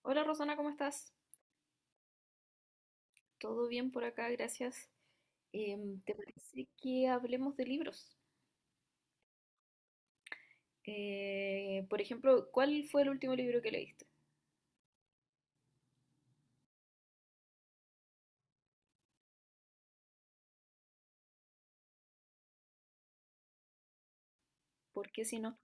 Hola Rosana, ¿cómo estás? ¿Todo bien por acá? Gracias. ¿Te parece que hablemos de libros? Por ejemplo, ¿cuál fue el último libro que leíste? Porque si no,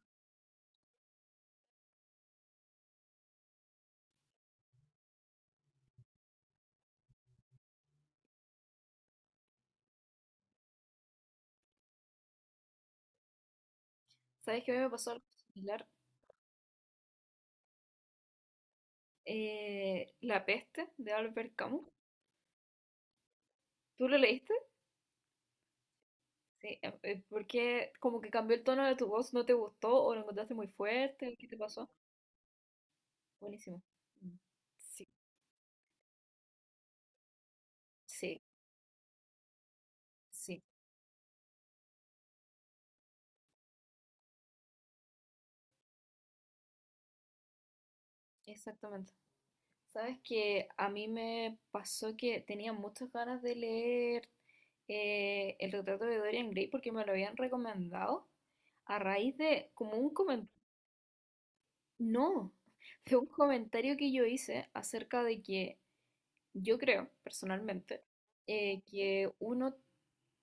¿Sabes que a mí me pasó algo similar? La peste de Albert Camus. ¿Tú lo leíste? Sí. Porque como que cambió el tono de tu voz, ¿no te gustó o lo encontraste muy fuerte? ¿Qué te pasó? Buenísimo. Mm. Sí, sí, sí, exactamente. Sabes que a mí me pasó que tenía muchas ganas de leer El retrato de Dorian Gray porque me lo habían recomendado a raíz de como un comentario. No, de un comentario que yo hice acerca de que yo creo personalmente que uno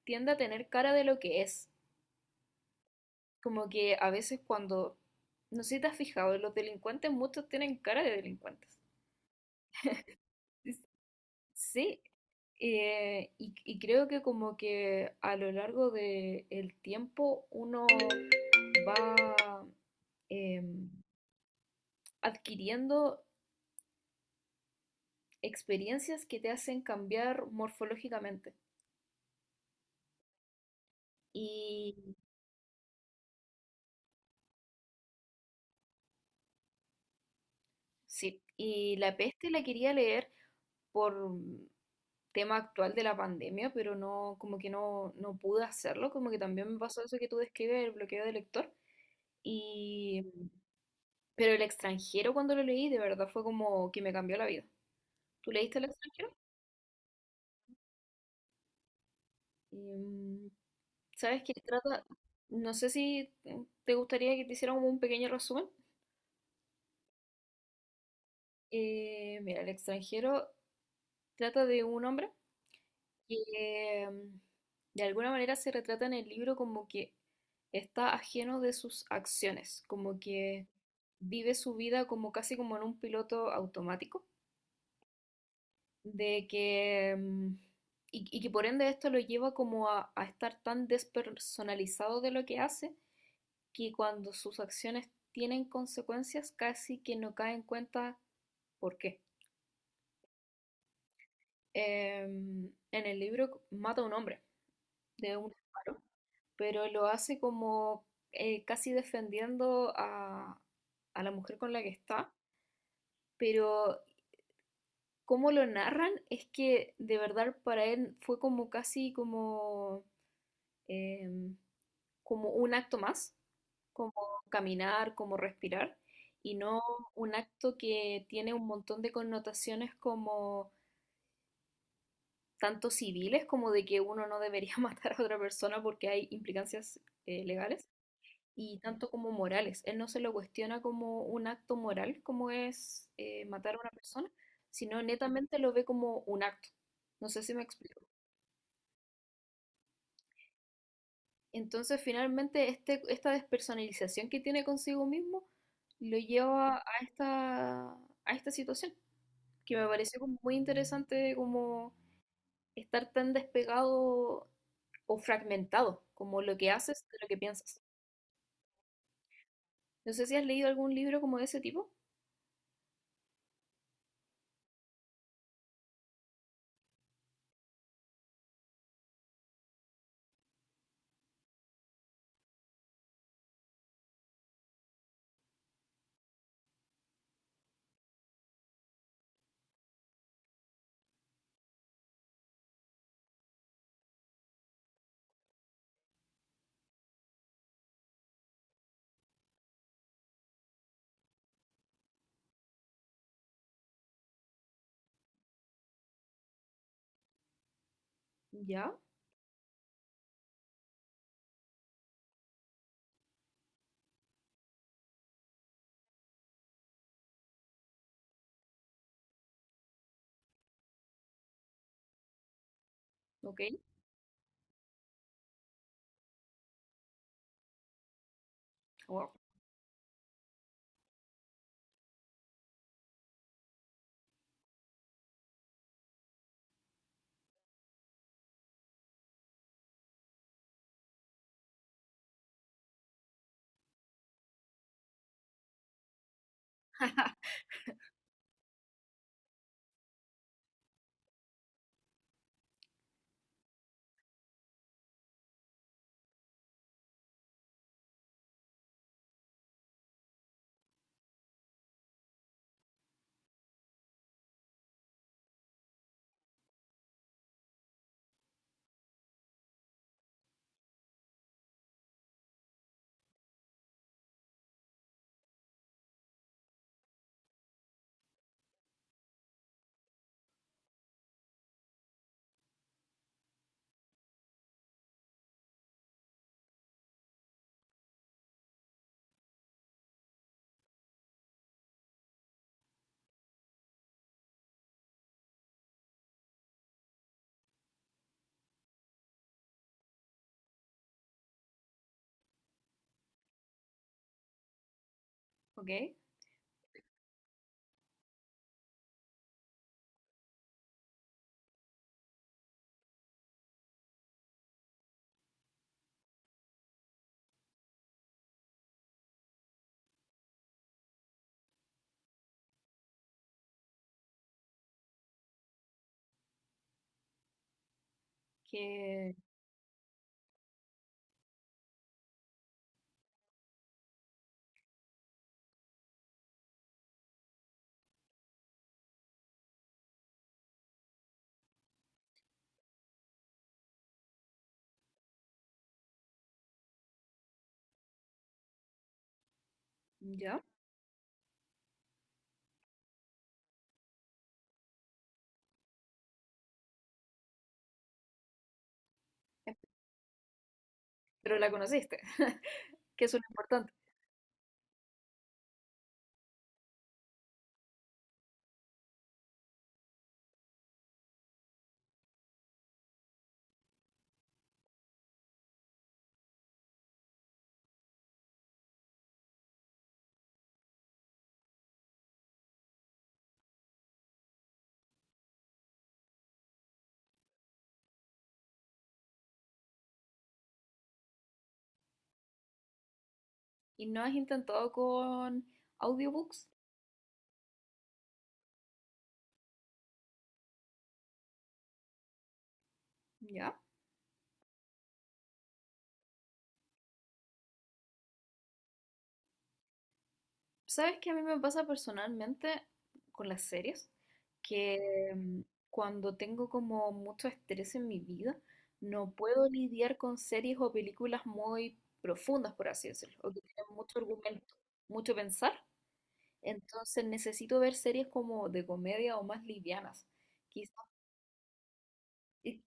tiende a tener cara de lo que es. Como que a veces cuando, no sé si te has fijado, los delincuentes muchos tienen cara de delincuentes. Sí, y, creo que como que a lo largo del tiempo uno va em, adquiriendo experiencias que te hacen cambiar morfológicamente. Y sí, y La peste la quería leer por tema actual de la pandemia, pero no, como que no pude hacerlo, como que también me pasó eso que tú describes, el bloqueo de lector. Y Pero el extranjero cuando lo leí, de verdad fue como que me cambió la vida. ¿Tú leíste el extranjero? Em, ¿Sabes qué trata? No sé si te gustaría que te hiciera como un pequeño resumen. Mira, el extranjero trata de un hombre que de alguna manera se retrata en el libro como que está ajeno de sus acciones, como que vive su vida como casi como en un piloto automático. de que, mm, y, que por ende esto lo lleva como a estar tan despersonalizado de lo que hace, que cuando sus acciones tienen consecuencias casi que no cae en cuenta por qué. En el libro mata a un hombre de un disparo, pero lo hace como casi defendiendo a la mujer con la que está, pero cómo lo narran es que de verdad para él fue como casi como em, como un acto más, como caminar, como respirar, y no un acto que tiene un montón de connotaciones como tanto civiles como de que uno no debería matar a otra persona porque hay implicancias legales y tanto como morales. Él no se lo cuestiona como un acto moral como es matar a una persona, sino netamente lo ve como un acto. No sé si me explico. Entonces, finalmente, esta despersonalización que tiene consigo mismo lo lleva a esta situación, que me pareció como muy interesante como estar tan despegado o fragmentado, como lo que haces de lo que piensas. No sé si has leído algún libro como de ese tipo. Ya, ok, wow, ok, que ya, pero la conociste, que eso es lo importante. ¿Y no has intentado con audiobooks? Ya. ¿Sabes qué a mí me pasa personalmente con las series? Que cuando tengo como mucho estrés en mi vida, no puedo lidiar con series o películas muy profundas, por así decirlo, o que tienen mucho argumento, mucho pensar. Entonces necesito ver series como de comedia o más livianas. Quizás, y,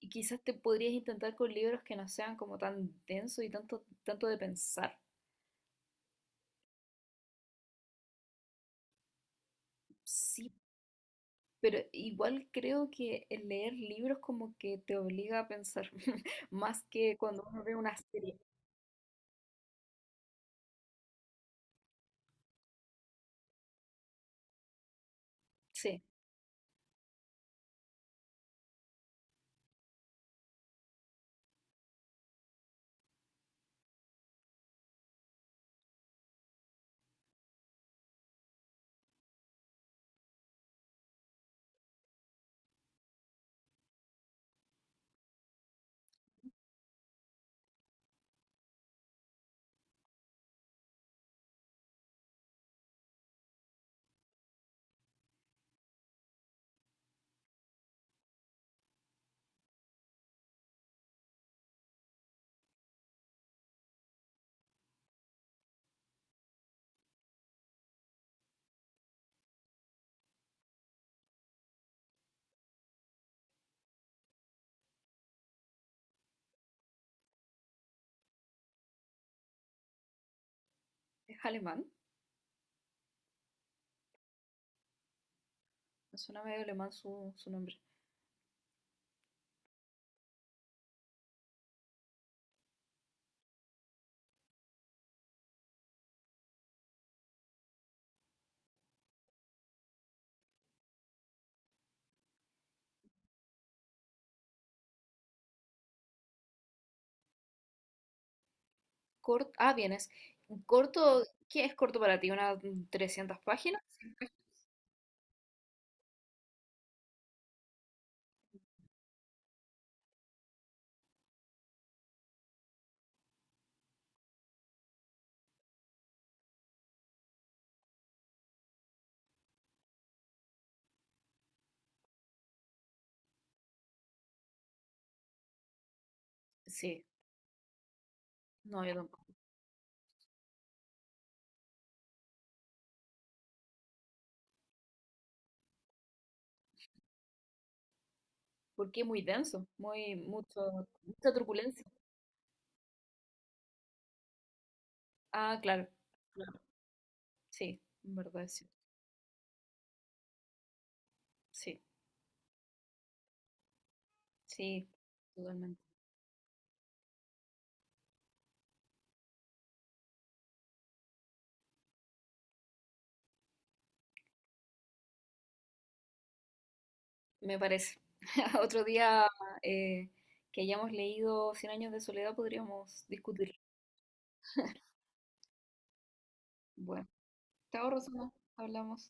y quizás te podrías intentar con libros que no sean como tan densos y tanto, tanto de pensar. Sí. Pero igual creo que el leer libros como que te obliga a pensar, más que cuando uno ve una serie. Sí, es alemán, me suena medio alemán su nombre. Corto, ah, vienes. Corto, ¿qué es corto para ti? ¿Unas 300 páginas? Sí, no, yo tampoco. Porque es muy denso, muy, mucho, mucha turbulencia. Ah, claro, claro, sí, en verdad, sí, sí, sí, totalmente. Me parece. Otro día eh, que hayamos leído Cien años de soledad podríamos discutirlo. Bueno, te ahorro, Suna, hablamos.